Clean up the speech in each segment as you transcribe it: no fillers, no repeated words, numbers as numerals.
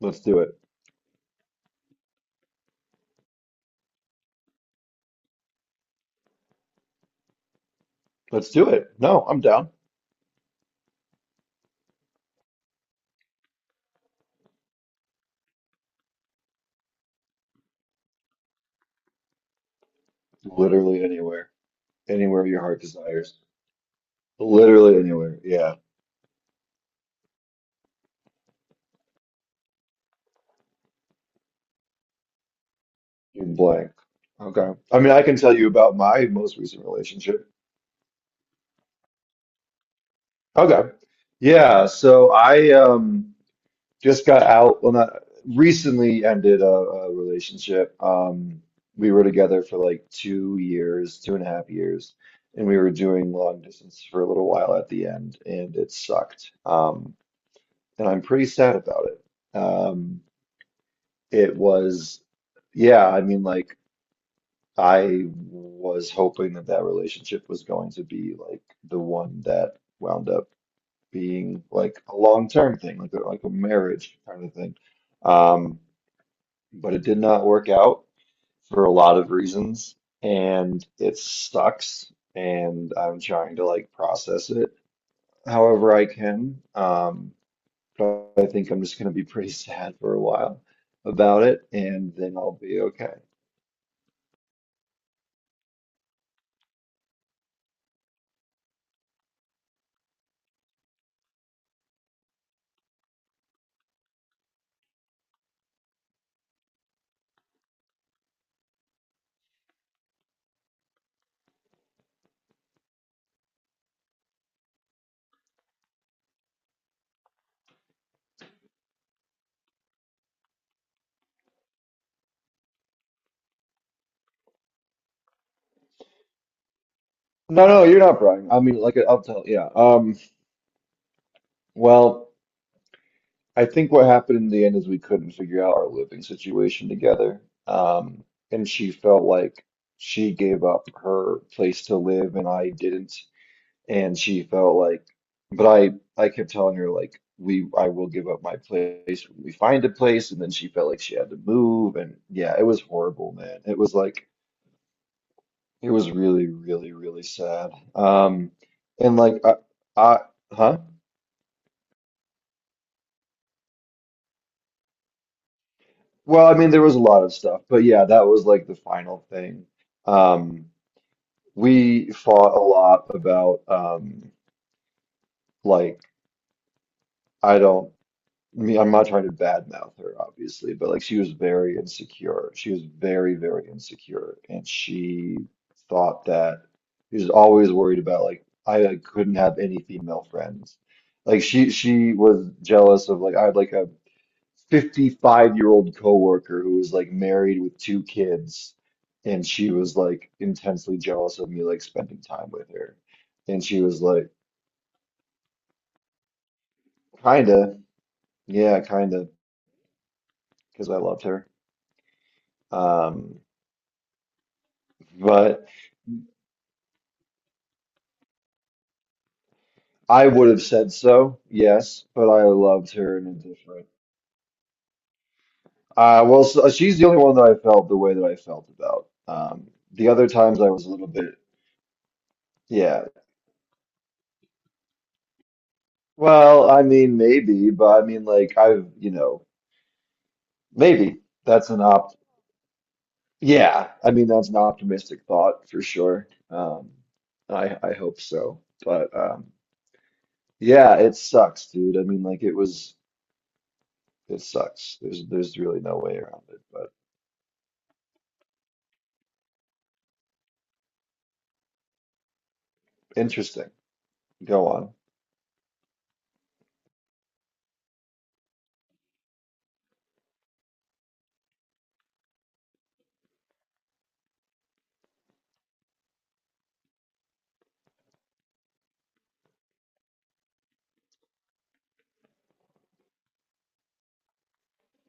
Let's do it. Let's do it. No, I'm down. Literally anywhere. Anywhere your heart desires. Literally anywhere. Yeah. You can blank. Okay. I mean, I can tell you about my most recent relationship. Okay. Yeah. So I just got out. Well, not recently ended a relationship. We were together for like 2 years, 2.5 years, and we were doing long distance for a little while at the end, and it sucked. And I'm pretty sad about it. It was, yeah, I mean, like, I was hoping that that relationship was going to be like the one that wound up being like a long-term thing, like a marriage kind of thing. Um, but it did not work out for a lot of reasons, and it sucks. And I'm trying to like process it however I can. Probably think I'm just going to be pretty sad for a while about it, and then I'll be okay. No, no, you're not Brian. I mean, like, I'll tell, yeah. Well, I think what happened in the end is we couldn't figure out our living situation together. And she felt like she gave up her place to live, and I didn't. And she felt like, but I kept telling her like, I will give up my place when we find a place. And then she felt like she had to move, and yeah, it was horrible, man. It was really, really, really sad. And like, I, huh? Well, I mean, there was a lot of stuff, but yeah, that was like the final thing. Um, we fought a lot about, like, I don't. I mean, I'm not trying to badmouth her, obviously, but like she was very insecure. She was very, very insecure, and she thought that she was always worried about like I like, couldn't have any female friends. Like she was jealous of like I had like a 55-year-old coworker who was like married with two kids, and she was like intensely jealous of me like spending time with her, and she was like kinda yeah kinda because I loved her. Um. But I would have said so, yes, but I loved her in a different. Well, so she's the only one that I felt the way that I felt about. The other times I was a little bit, yeah. Well, I mean, maybe, but I mean, like, I've, maybe that's an opt. Yeah, I mean, that's an optimistic thought for sure. I hope so, but yeah, it sucks, dude. I mean, like, it sucks. There's really no way around it, but interesting. Go on.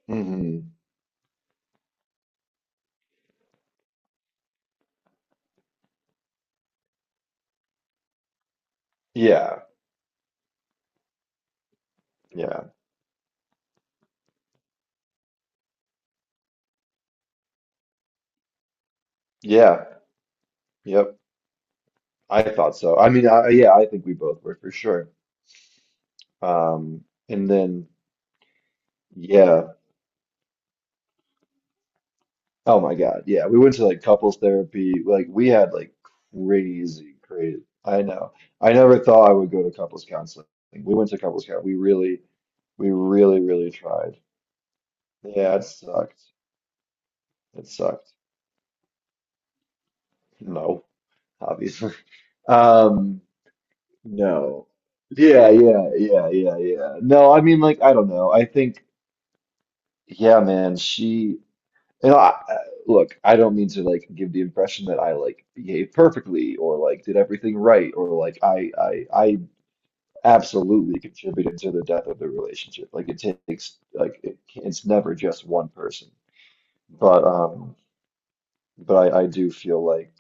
Hmm. Yeah, yeah, yeah, yep. I thought so. I mean, I, yeah, I think we both were for sure. Um, and then, yeah, oh my God, yeah, we went to like couples therapy. Like we had like crazy, crazy. I know. I never thought I would go to couples counseling. We went to couples counseling. We really, really tried. Yeah, it sucked. It sucked. No, obviously. Um, No. Yeah, yeah, yeah, yeah, yeah. No, I mean, like, I don't know. I think, yeah, man, she, you know, I, I- look, I don't mean to, like, give the impression that I, like, behaved perfectly or, like, did everything right or, like, I absolutely contributed to the death of the relationship. Like, it takes, like, it's never just one person. But, um, but I do feel like.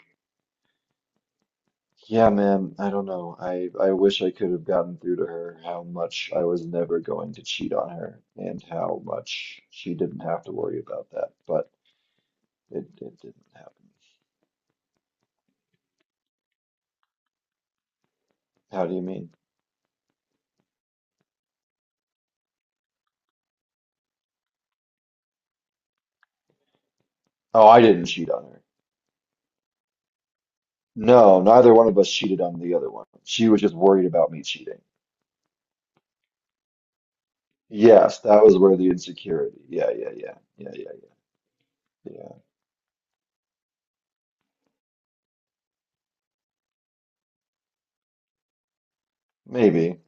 Yeah, man, I don't know. I wish I could have gotten through to her how much I was never going to cheat on her and how much she didn't have to worry about that, but it didn't happen. How do you mean? Oh, I didn't cheat on her. No, neither one of us cheated on the other one. She was just worried about me cheating. Yes, that was where the insecurity. Yeah, yeah, yeah. Yeah, yeah, yeah. Maybe.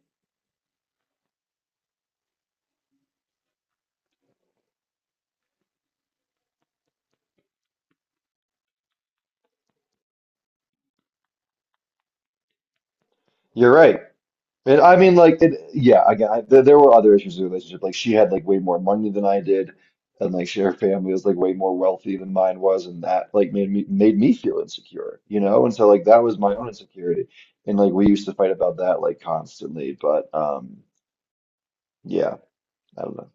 You're right. And I mean, like, it, yeah, again, there were other issues in the relationship. Like, she had like way more money than I did, and like, her family was like way more wealthy than mine was, and that like made me feel insecure, you know? And so like that was my own insecurity, and like we used to fight about that like constantly. But yeah, I don't know.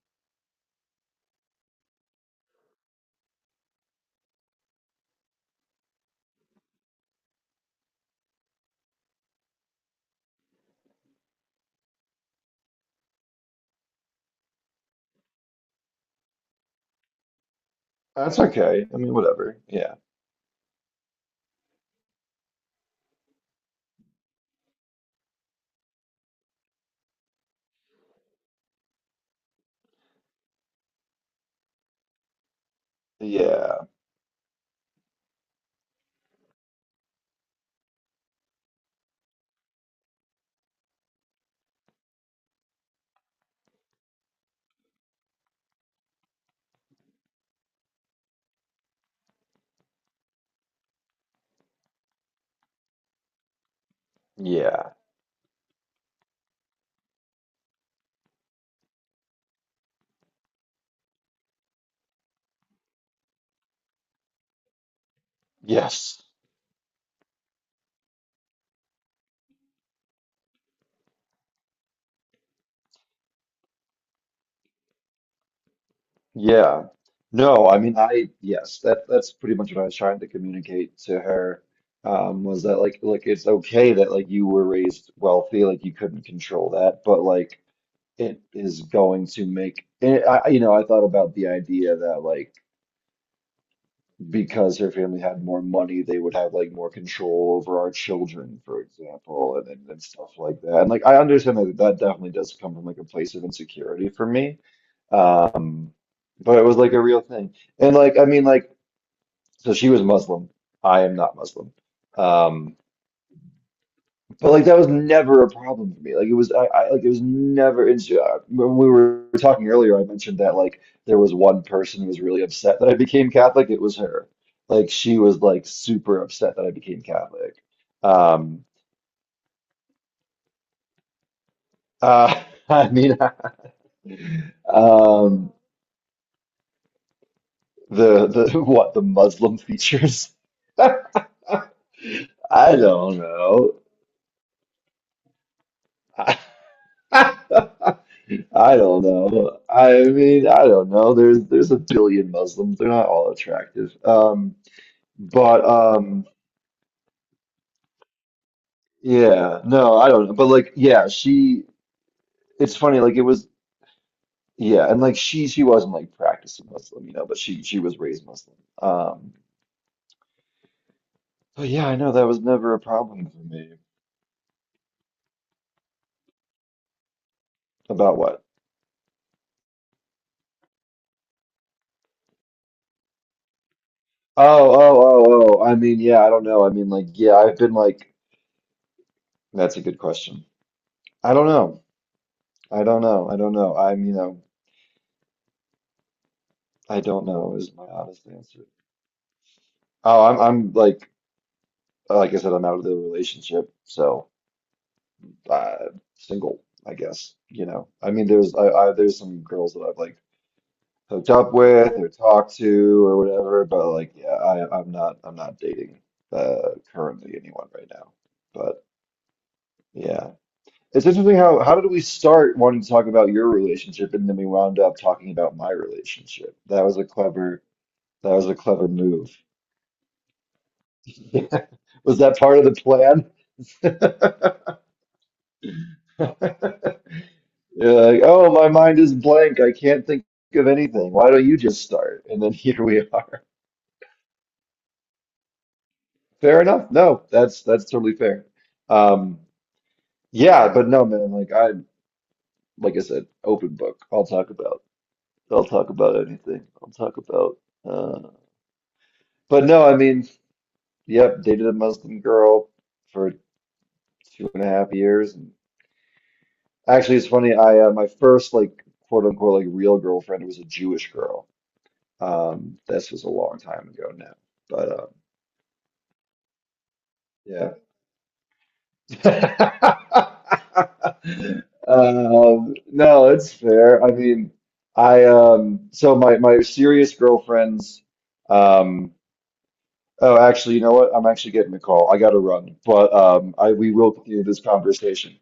That's okay. I mean, whatever. Yeah, yeah, yeah, yes. Yeah. No, I mean I yes, that's pretty much what I was trying to communicate to her. Was that like it's okay that like you were raised wealthy, like you couldn't control that, but like it is going to make and I thought about the idea that like because her family had more money, they would have like more control over our children, for example, and stuff like that. And like I understand that definitely does come from like a place of insecurity for me. Um, but it was like a real thing. And like I mean like so she was Muslim. I am not Muslim. Um but like that was never a problem for me. Like it was, I like it was never an. When we were talking earlier, I mentioned that like there was one person who was really upset that I became Catholic. It was her. Like she was like super upset that I became Catholic. Um, uh, I mean, um, the what the Muslim features? I don't know. I don't know. I mean, I don't know. There's a billion Muslims. They're not all attractive. But yeah, no, I don't know. But like, yeah, she. It's funny. Like it was, yeah, and like she wasn't like practicing Muslim, but she was raised Muslim. Um, but yeah, I know that was never a problem for me. About what? Oh, oh, oh, oh. I mean, yeah, I don't know. I mean, like, yeah, I've been like, that's a good question. I don't know. I don't know. I don't know. I mean, you know. I don't know is my honest answer. Oh, I'm like I said, I'm out of the relationship, so uh single, I guess. You know, I mean, there's some girls that I've like hooked up with or talked to or whatever, but like yeah, I'm not dating currently anyone right now. But yeah, it's interesting how did we start wanting to talk about your relationship and then we wound up talking about my relationship. That was a clever move. Was that part of the plan? You're like, oh, my mind is blank. I can't think of anything. Why don't you just start? And then here we are. Fair enough. No, that's totally fair. Um, yeah, but no, man. Like I said, open book. I'll talk about. I'll talk about anything. I'll talk about. Uh, but no, I mean, yep. Dated a Muslim girl for 2.5 years. Actually, it's funny. I my first like quote unquote like real girlfriend was a Jewish girl. This was a long time ago now, but yeah. No, it's fair. I mean, I so my serious girlfriends. Um, oh, actually, you know what? I'm actually getting a call. I gotta run, but I we will continue this conversation.